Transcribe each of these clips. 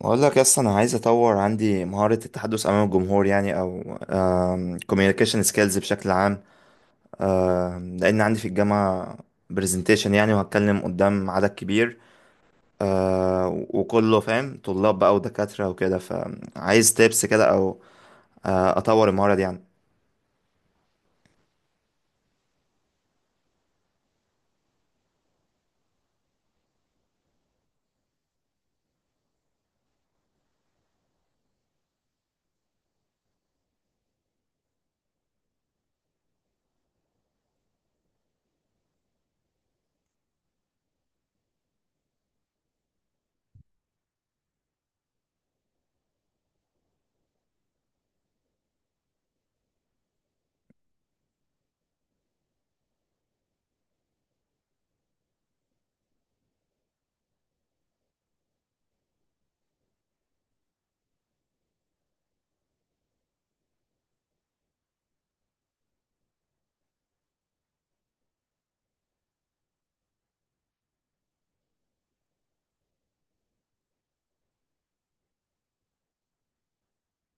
بقول لك اصلا انا عايز اطور عندي مهارة التحدث امام الجمهور، يعني او كوميونيكيشن سكيلز بشكل عام. لان عندي في الجامعة برزنتيشن، يعني وهتكلم قدام عدد كبير. وكله فاهم، طلاب بقى ودكاترة وكده، فعايز تيبس كده او اطور المهارة دي يعني.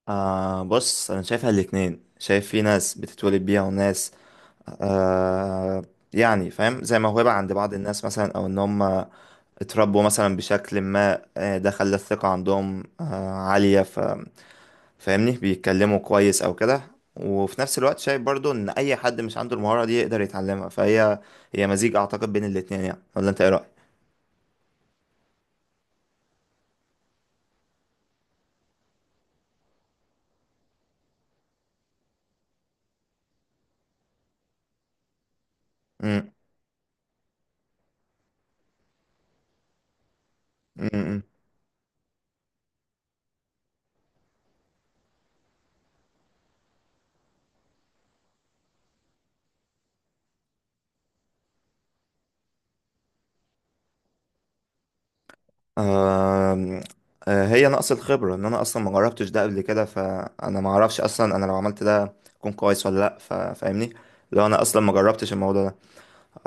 بص، انا شايفها الاتنين، شايف في ناس بتتولد بيها، وناس آه يعني فاهم، زي موهبة عند بعض الناس مثلا، أو إن هم اتربوا مثلا بشكل ما ده خلى الثقة عندهم عالية، فاهمني بيتكلموا كويس أو كده. وفي نفس الوقت شايف برضو إن أي حد مش عنده المهارة دي يقدر يتعلمها، فهي مزيج أعتقد بين الاتنين يعني. ولا أنت إيه رأيك؟ م-، م-، م. آم، هي نقص الخبرة، ان انا اصلا ما جربتش ده قبل كده، فانا ما اعرفش اصلا انا لو عملت ده اكون كويس ولا لا. فاهمني لو انا اصلا ما جربتش الموضوع ده،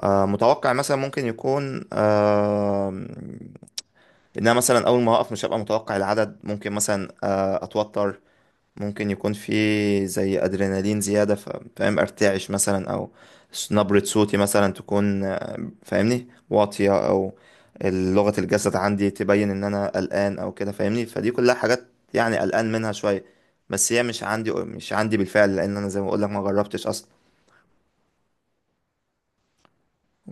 متوقع مثلا ممكن يكون ان انا مثلا اول ما اقف مش هبقى متوقع العدد، ممكن مثلا اتوتر، ممكن يكون في زي ادرينالين زيادة، فاهم ارتعش مثلا، او نبرة صوتي مثلا تكون فاهمني واطية، او لغة الجسد عندي تبين ان انا قلقان او كده. فاهمني، فدي كلها حاجات يعني قلقان منها شوية. بس هي مش عندي بالفعل، لان انا زي ما بقولك ما جربتش اصلا.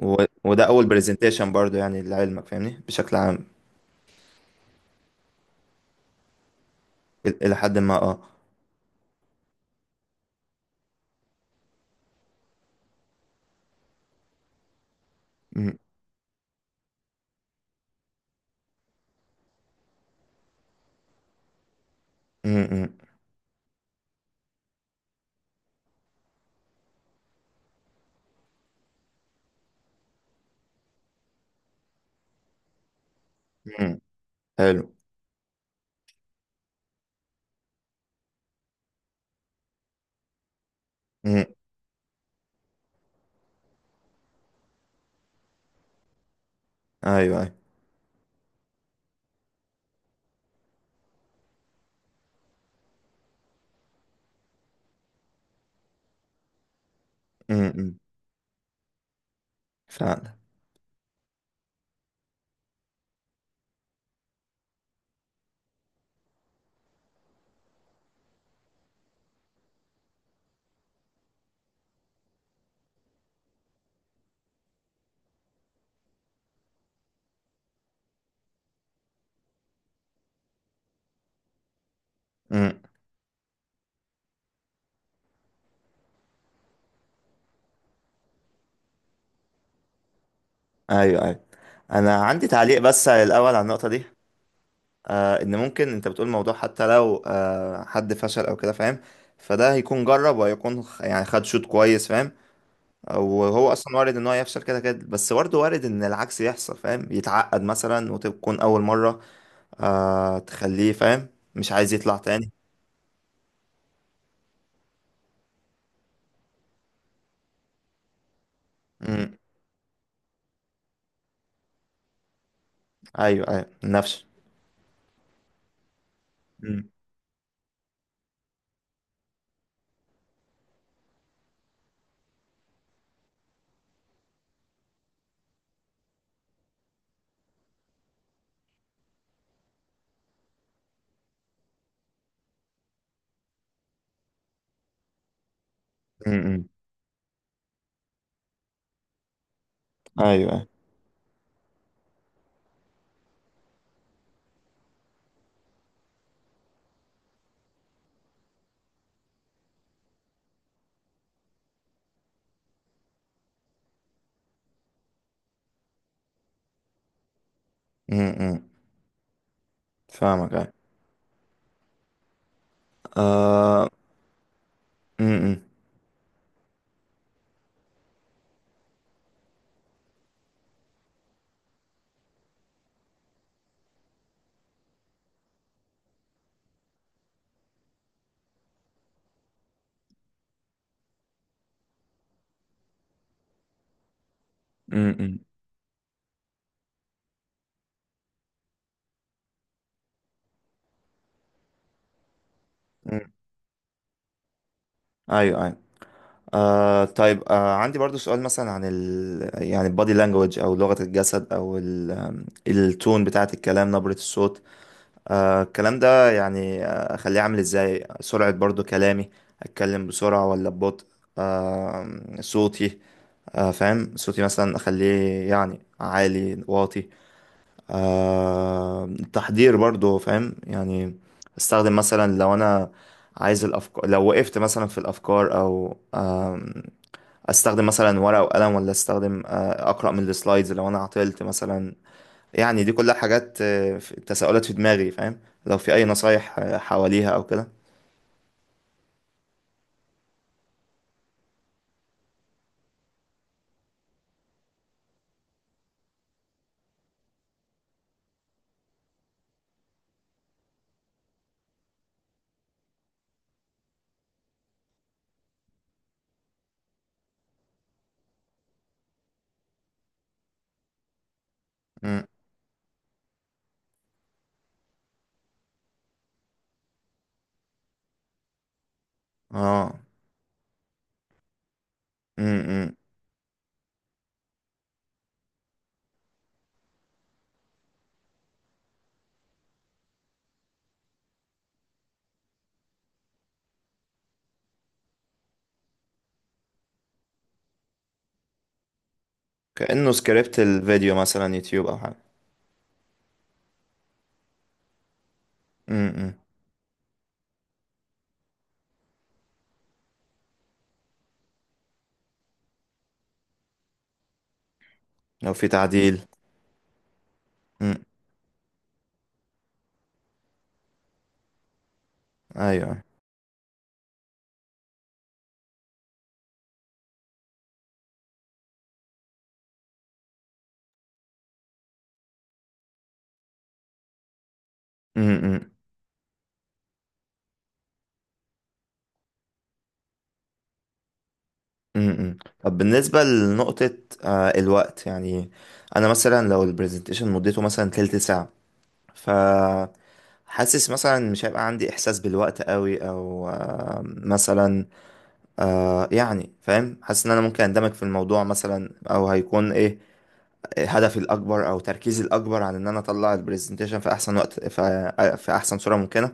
و... وده اول برزنتيشن برضو، يعني لعلمك، فاهمني بشكل عام. الى حد ما، اه. م-، م-، م-، م-. حلو. م-. ايوه، ايوه. م-، م-. فعلا. ايوه، ايوه. انا عندي تعليق بس الاول على النقطه دي. ان ممكن انت بتقول موضوع حتى لو حد فشل او كده، فاهم، فده هيكون جرب، وهيكون يعني خد شوط كويس، فاهم. وهو اصلا وارد ان هو يفشل كده كده، بس برضه وارد ان العكس يحصل، فاهم، يتعقد مثلا وتكون اول مره، تخليه فاهم مش عايز يطلع تاني. امم. ايوه، ايوه. نفش. امم. امم. ايوه، ايوه. امم. فاهمك. ايوه. آه. امم. امم. امم. ايوه، ايوه. طيب. عندي برضو سؤال، مثلا عن يعني البادي لانجوج، او لغة الجسد، او التون بتاعة الكلام، نبرة الصوت. الكلام ده، يعني اخليه عامل ازاي. سرعة برضو كلامي، اتكلم بسرعة ولا ببطء؟ آه صوتي. فاهم، صوتي مثلا اخليه يعني عالي واطي. التحضير برضو فاهم، يعني استخدم مثلا لو انا عايز الافكار، لو وقفت مثلا في الافكار، او استخدم مثلا ورقة وقلم، ولا استخدم اقرأ من السلايدز لو انا عطلت مثلا. يعني دي كلها حاجات، تساؤلات في دماغي، فاهم، لو في اي نصايح حواليها او كده. مم. اه. امم كأنه سكريبت الفيديو مثلا، يوتيوب او حاجة. امم لو في تعديل. امم. ايوه. امم. امم. طب بالنسبة لنقطة الوقت، يعني انا مثلا لو البرزنتيشن مدته مثلا تلت ساعة، حاسس مثلا مش هيبقى عندي احساس بالوقت قوي، او مثلا يعني فاهم، حاسس ان انا ممكن اندمج في الموضوع مثلا، او هيكون ايه هدفي الاكبر، او تركيزي الاكبر، عن ان انا اطلع البرزنتيشن في احسن وقت، في احسن صورة ممكنة.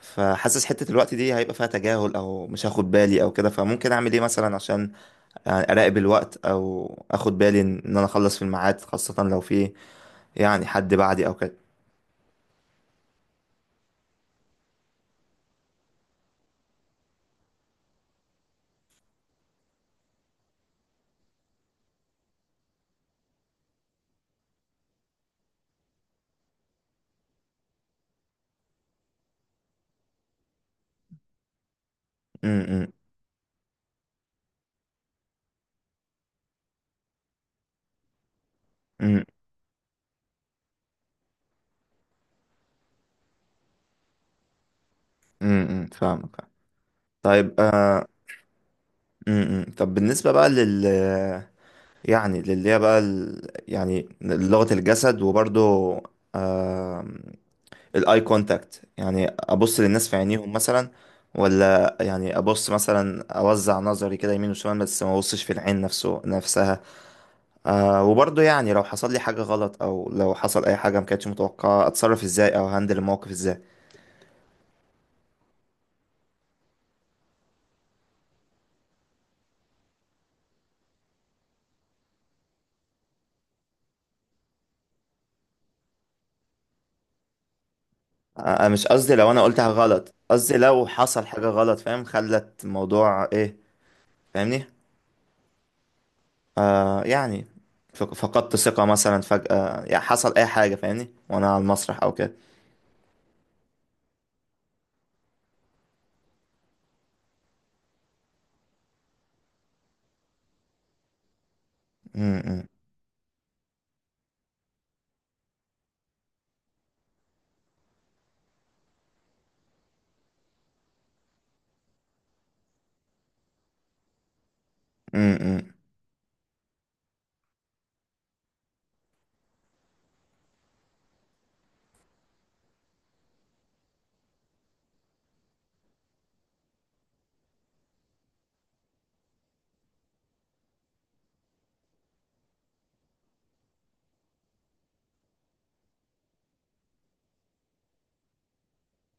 فحاسس حتة الوقت دي هيبقى فيها تجاهل، او مش هاخد بالي او كده، فممكن اعمل ايه مثلا عشان يعني اراقب الوقت، او اخد بالي ان انا اخلص في الميعاد، خاصة لو في يعني حد بعدي او كده. م-. م-. م-. م-. فاهمك. طيب. م-. م. طب بالنسبة بقى يعني للي هي بقى يعني لغة الجسد، وبرضو آه... الاي كونتاكت، يعني ابص للناس في عينيهم مثلا، ولا يعني ابص مثلا اوزع نظري كده يمين وشمال بس ما ابصش في العين نفسها. وبرضو، يعني لو حصل لي حاجة غلط، او لو حصل اي حاجة ما كانتش متوقعة، اتصرف ازاي، او هندل الموقف ازاي؟ آه مش قصدي لو انا قلت حاجة غلط، قصدي لو حصل حاجة غلط فاهم خلت الموضوع ايه. فاهمني، يعني فقدت ثقة مثلا فجأة، يعني حصل أي حاجة فاهمني وأنا على المسرح أو كده. م-. م-. م-.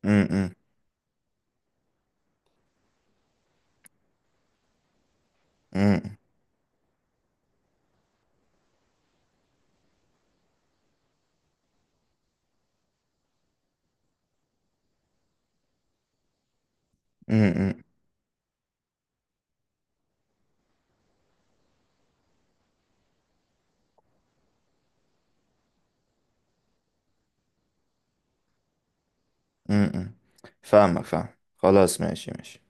م-. م-. م-. م-. م-. م-. م-. م-. فاهمك، فاهم. خلاص، ماشي ماشي.